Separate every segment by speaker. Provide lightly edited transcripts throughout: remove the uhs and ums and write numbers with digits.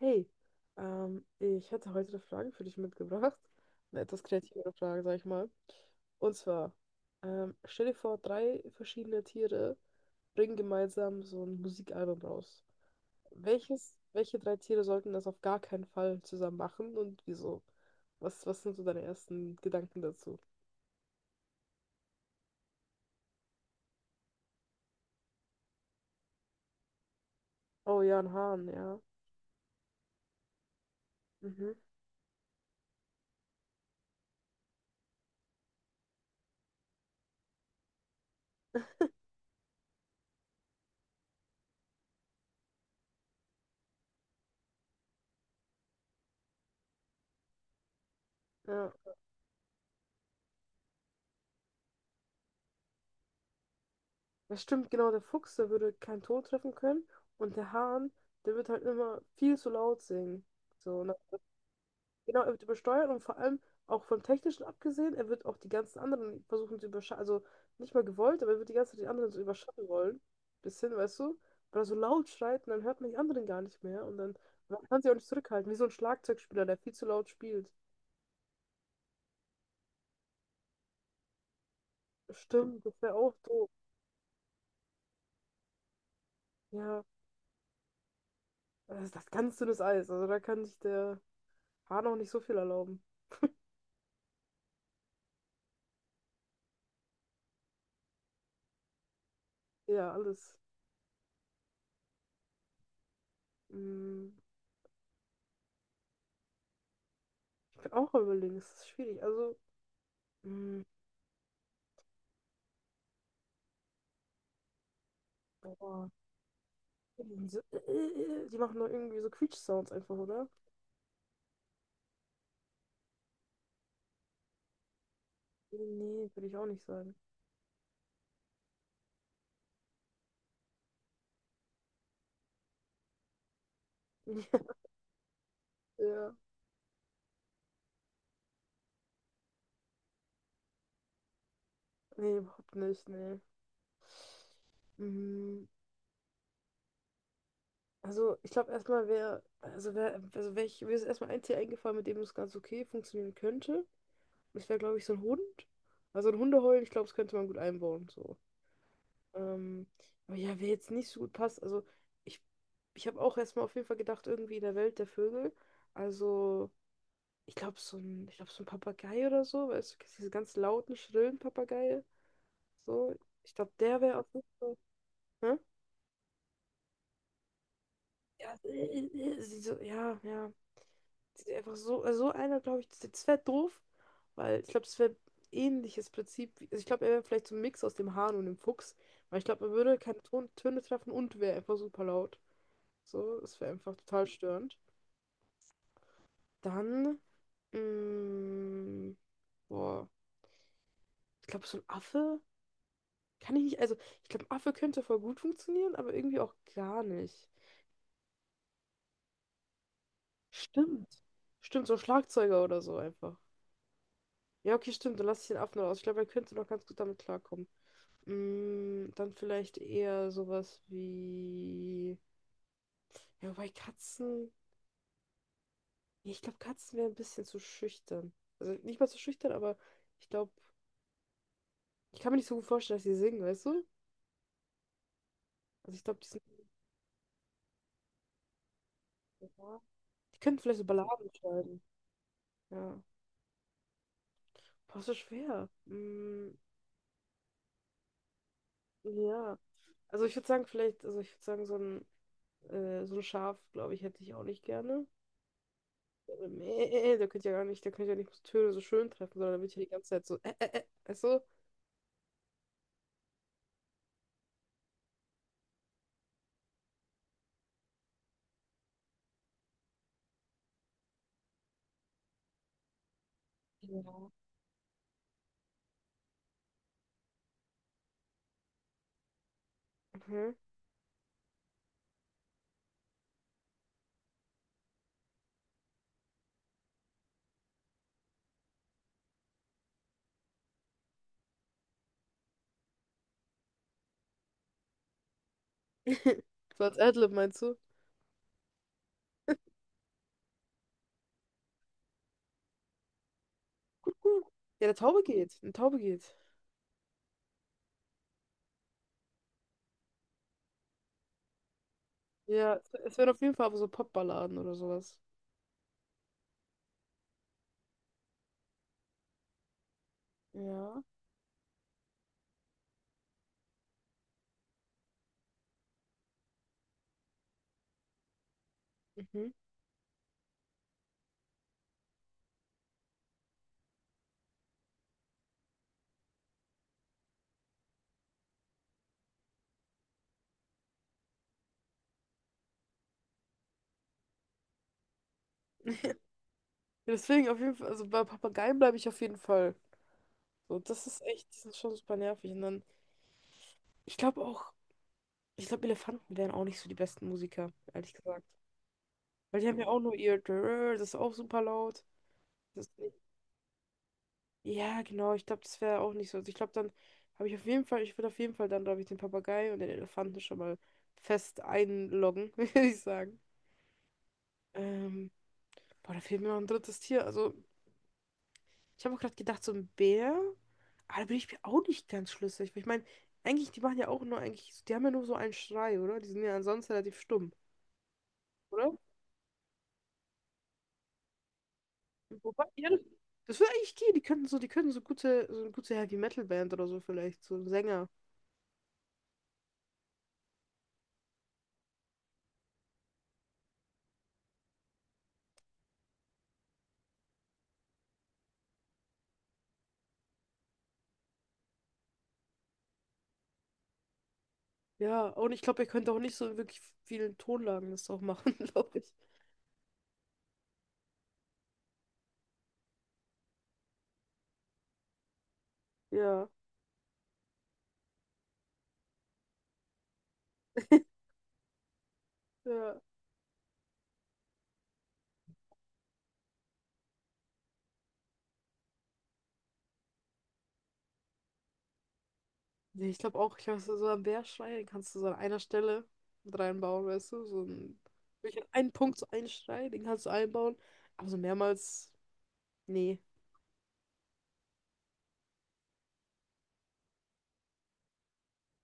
Speaker 1: Hey, ich hätte heute eine Frage für dich mitgebracht. Eine etwas kreativere Frage, sag ich mal. Und zwar, stell dir vor, drei verschiedene Tiere bringen gemeinsam so ein Musikalbum raus. Welche drei Tiere sollten das auf gar keinen Fall zusammen machen und wieso? Was sind so deine ersten Gedanken dazu? Oh ja, ein Hahn, ja. Mhm. Ja, das stimmt, genau, der Fuchs, der würde keinen Ton treffen können und der Hahn, der wird halt immer viel zu laut singen. So, ne? Genau, er wird übersteuert und vor allem auch vom Technischen abgesehen, er wird auch die ganzen anderen versuchen zu überschatten, also nicht mal gewollt, aber er wird die ganze Zeit die anderen so überschatten wollen. Bisschen, weißt du? Weil er so laut schreit und dann hört man die anderen gar nicht mehr und dann man kann sie auch nicht zurückhalten, wie so ein Schlagzeugspieler, der viel zu laut spielt. Stimmt, das wäre auch doof. Ja, das ist das ganz dünnes Eis, also da kann sich der Hahn auch nicht so viel erlauben. Ja, alles. Mm, Ich bin auch am überlegen, es ist schwierig. Also, mm, boah. Irgendwie so, die machen doch irgendwie so Quietsch-Sounds einfach, oder? Nee, würde ich auch nicht sagen. Ja. Nee, überhaupt nicht, nee. Mm. Also, ich glaube erstmal wäre, also wär ich, mir ist erstmal ein Tier eingefallen, mit dem es ganz okay funktionieren könnte. Das wäre, glaube ich, so ein Hund. Also ein Hundeheulen, ich glaube, das könnte man gut einbauen. So. Ähm, aber ja, wer jetzt nicht so gut passt, also ich, ich habe auch erstmal auf jeden Fall gedacht, irgendwie in der Welt der Vögel. Also, ich glaube, so ein Papagei oder so, weißt du, kennst du diese ganz lauten, schrillen Papageien. So, ich glaube, der wäre auf jeden Fall. Hä? Ja, sie so, ja. Sie sind einfach so, also so einer, glaube ich, das wäre doof, weil ich glaube, das wäre ähnliches Prinzip. Wie- Also ich glaube, er wäre vielleicht so ein Mix aus dem Hahn und dem Fuchs, weil ich glaube, man würde keine Ton Töne treffen und wäre einfach super laut. So, das wäre einfach total störend. Dann, mh, boah, ich glaube, so ein Affe kann ich nicht, also ich glaube, ein Affe könnte voll gut funktionieren, aber irgendwie auch gar nicht. Stimmt. Stimmt, so ein Schlagzeuger oder so einfach. Ja, okay, stimmt, dann lasse ich den Affen raus. Ich glaube, er könnte noch ganz gut damit klarkommen. Mm, dann vielleicht eher sowas wie. Ja, wobei Katzen. Ja, ich glaube, Katzen wären ein bisschen zu schüchtern. Also nicht mal zu schüchtern, aber ich glaube, ich kann mir nicht so gut vorstellen, dass sie singen, weißt du? Also ich glaube, die sind. Ja, die könnten vielleicht so Balladen schreiben. Ja. Boah, so schwer. Mm, ja. Also ich würde sagen, vielleicht, also ich würde sagen, so ein Schaf, glaube ich, hätte ich auch nicht gerne. Mäh, der könnte ja gar nicht, der könnte ja nicht so Töne so schön treffen, sondern der wird ja die ganze Zeit so, weißt du? Ja. Mhm. So als Adlib meinst du? Ja, der Taube geht. Eine Taube geht. Ja, es wären auf jeden Fall aber so Popballaden oder sowas. Ja. Mhm. Ja, deswegen auf jeden Fall, also bei Papageien bleibe ich auf jeden Fall. So, das ist echt, die sind schon super nervig. Und dann, ich glaube auch, ich glaube, Elefanten wären auch nicht so die besten Musiker, ehrlich gesagt. Weil die haben ja auch nur ihr, das ist auch super laut. Das, ja, genau, ich glaube, das wäre auch nicht so. Also ich glaube, dann habe ich auf jeden Fall, ich würde auf jeden Fall dann, glaube ich, den Papagei und den Elefanten schon mal fest einloggen, würde ich sagen. Ähm, boah, da fehlt mir noch ein drittes Tier. Also, ich habe auch gerade gedacht, so ein Bär. Aber da bin ich mir auch nicht ganz schlüssig. Weil ich meine, eigentlich, die haben ja nur so einen Schrei, oder? Die sind ja ansonsten relativ stumm, oder? Wobei, ja, das würde eigentlich gehen. Die könnten so gute, so eine gute Heavy Metal Band oder so vielleicht, so ein Sänger. Ja, und ich glaube, er könnte auch nicht so in wirklich vielen Tonlagen das auch machen, glaube ich. Ja, ja. Nee, ich glaube, so einen Bärschrei, den kannst du so an einer Stelle mit reinbauen, weißt du? So einen, wirklich an einen Punkt so einen Schrei, den kannst du einbauen. Aber so mehrmals, nee.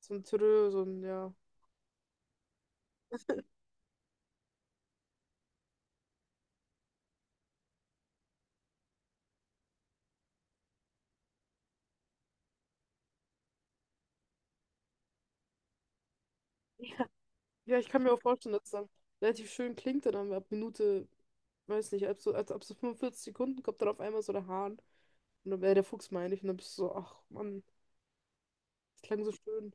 Speaker 1: So ein Türö, so ein, ja. Ja. Ja, ich kann mir auch vorstellen, dass es dann relativ schön klingt und dann ab Minute, weiß nicht, ab so, als ab so 45 Sekunden kommt dann auf einmal so der Hahn. Und dann, wäre der Fuchs meine ich. Und dann bist du so, ach Mann, das klang so schön.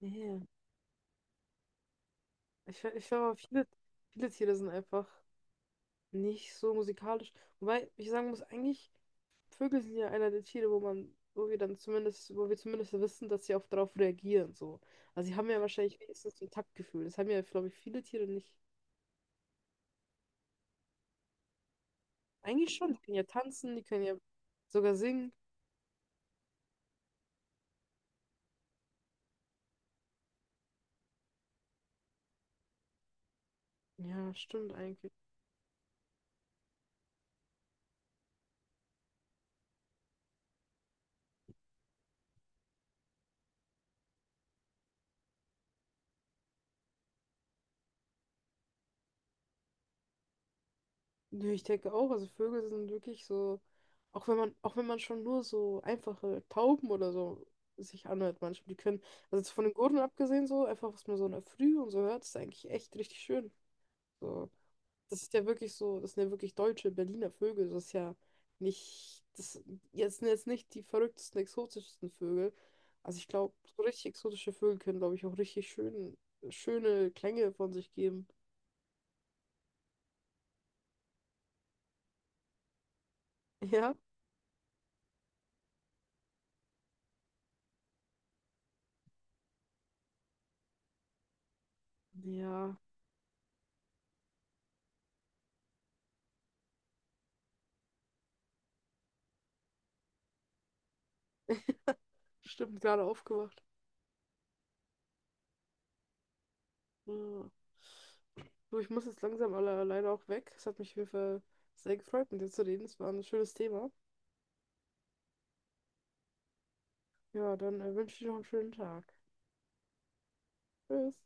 Speaker 1: Nee. Ich glaube, viele Tiere sind einfach nicht so musikalisch. Wobei ich sagen muss, eigentlich. Vögel sind ja einer der Tiere, wo wir dann zumindest, wo wir zumindest wissen, dass sie auch darauf reagieren, so. Also sie haben ja wahrscheinlich wenigstens so ein Taktgefühl. Das haben ja, glaube ich, viele Tiere nicht. Eigentlich schon, die können ja tanzen, die können ja sogar singen. Ja, stimmt eigentlich. Nö, ich denke auch, also Vögel sind wirklich so, auch wenn man schon nur so einfache Tauben oder so sich anhört manchmal, die können, also jetzt von den Gurren abgesehen so, einfach was man so in der Früh und so hört, ist eigentlich echt richtig schön. So. Das ist ja wirklich so, das sind ja wirklich deutsche Berliner Vögel. Das ist ja nicht, das jetzt sind jetzt nicht die verrücktesten, exotischsten Vögel. Also ich glaube, so richtig exotische Vögel können, glaube ich, schöne Klänge von sich geben. Ja? Ja, stimmt, gerade aufgewacht. Ja. Du, ich muss jetzt langsam alle, leider auch weg. Es hat mich auf jeden Fall sehr gefreut, mit dir zu reden. Es war ein schönes Thema. Ja, dann wünsche ich dir noch einen schönen Tag. Tschüss.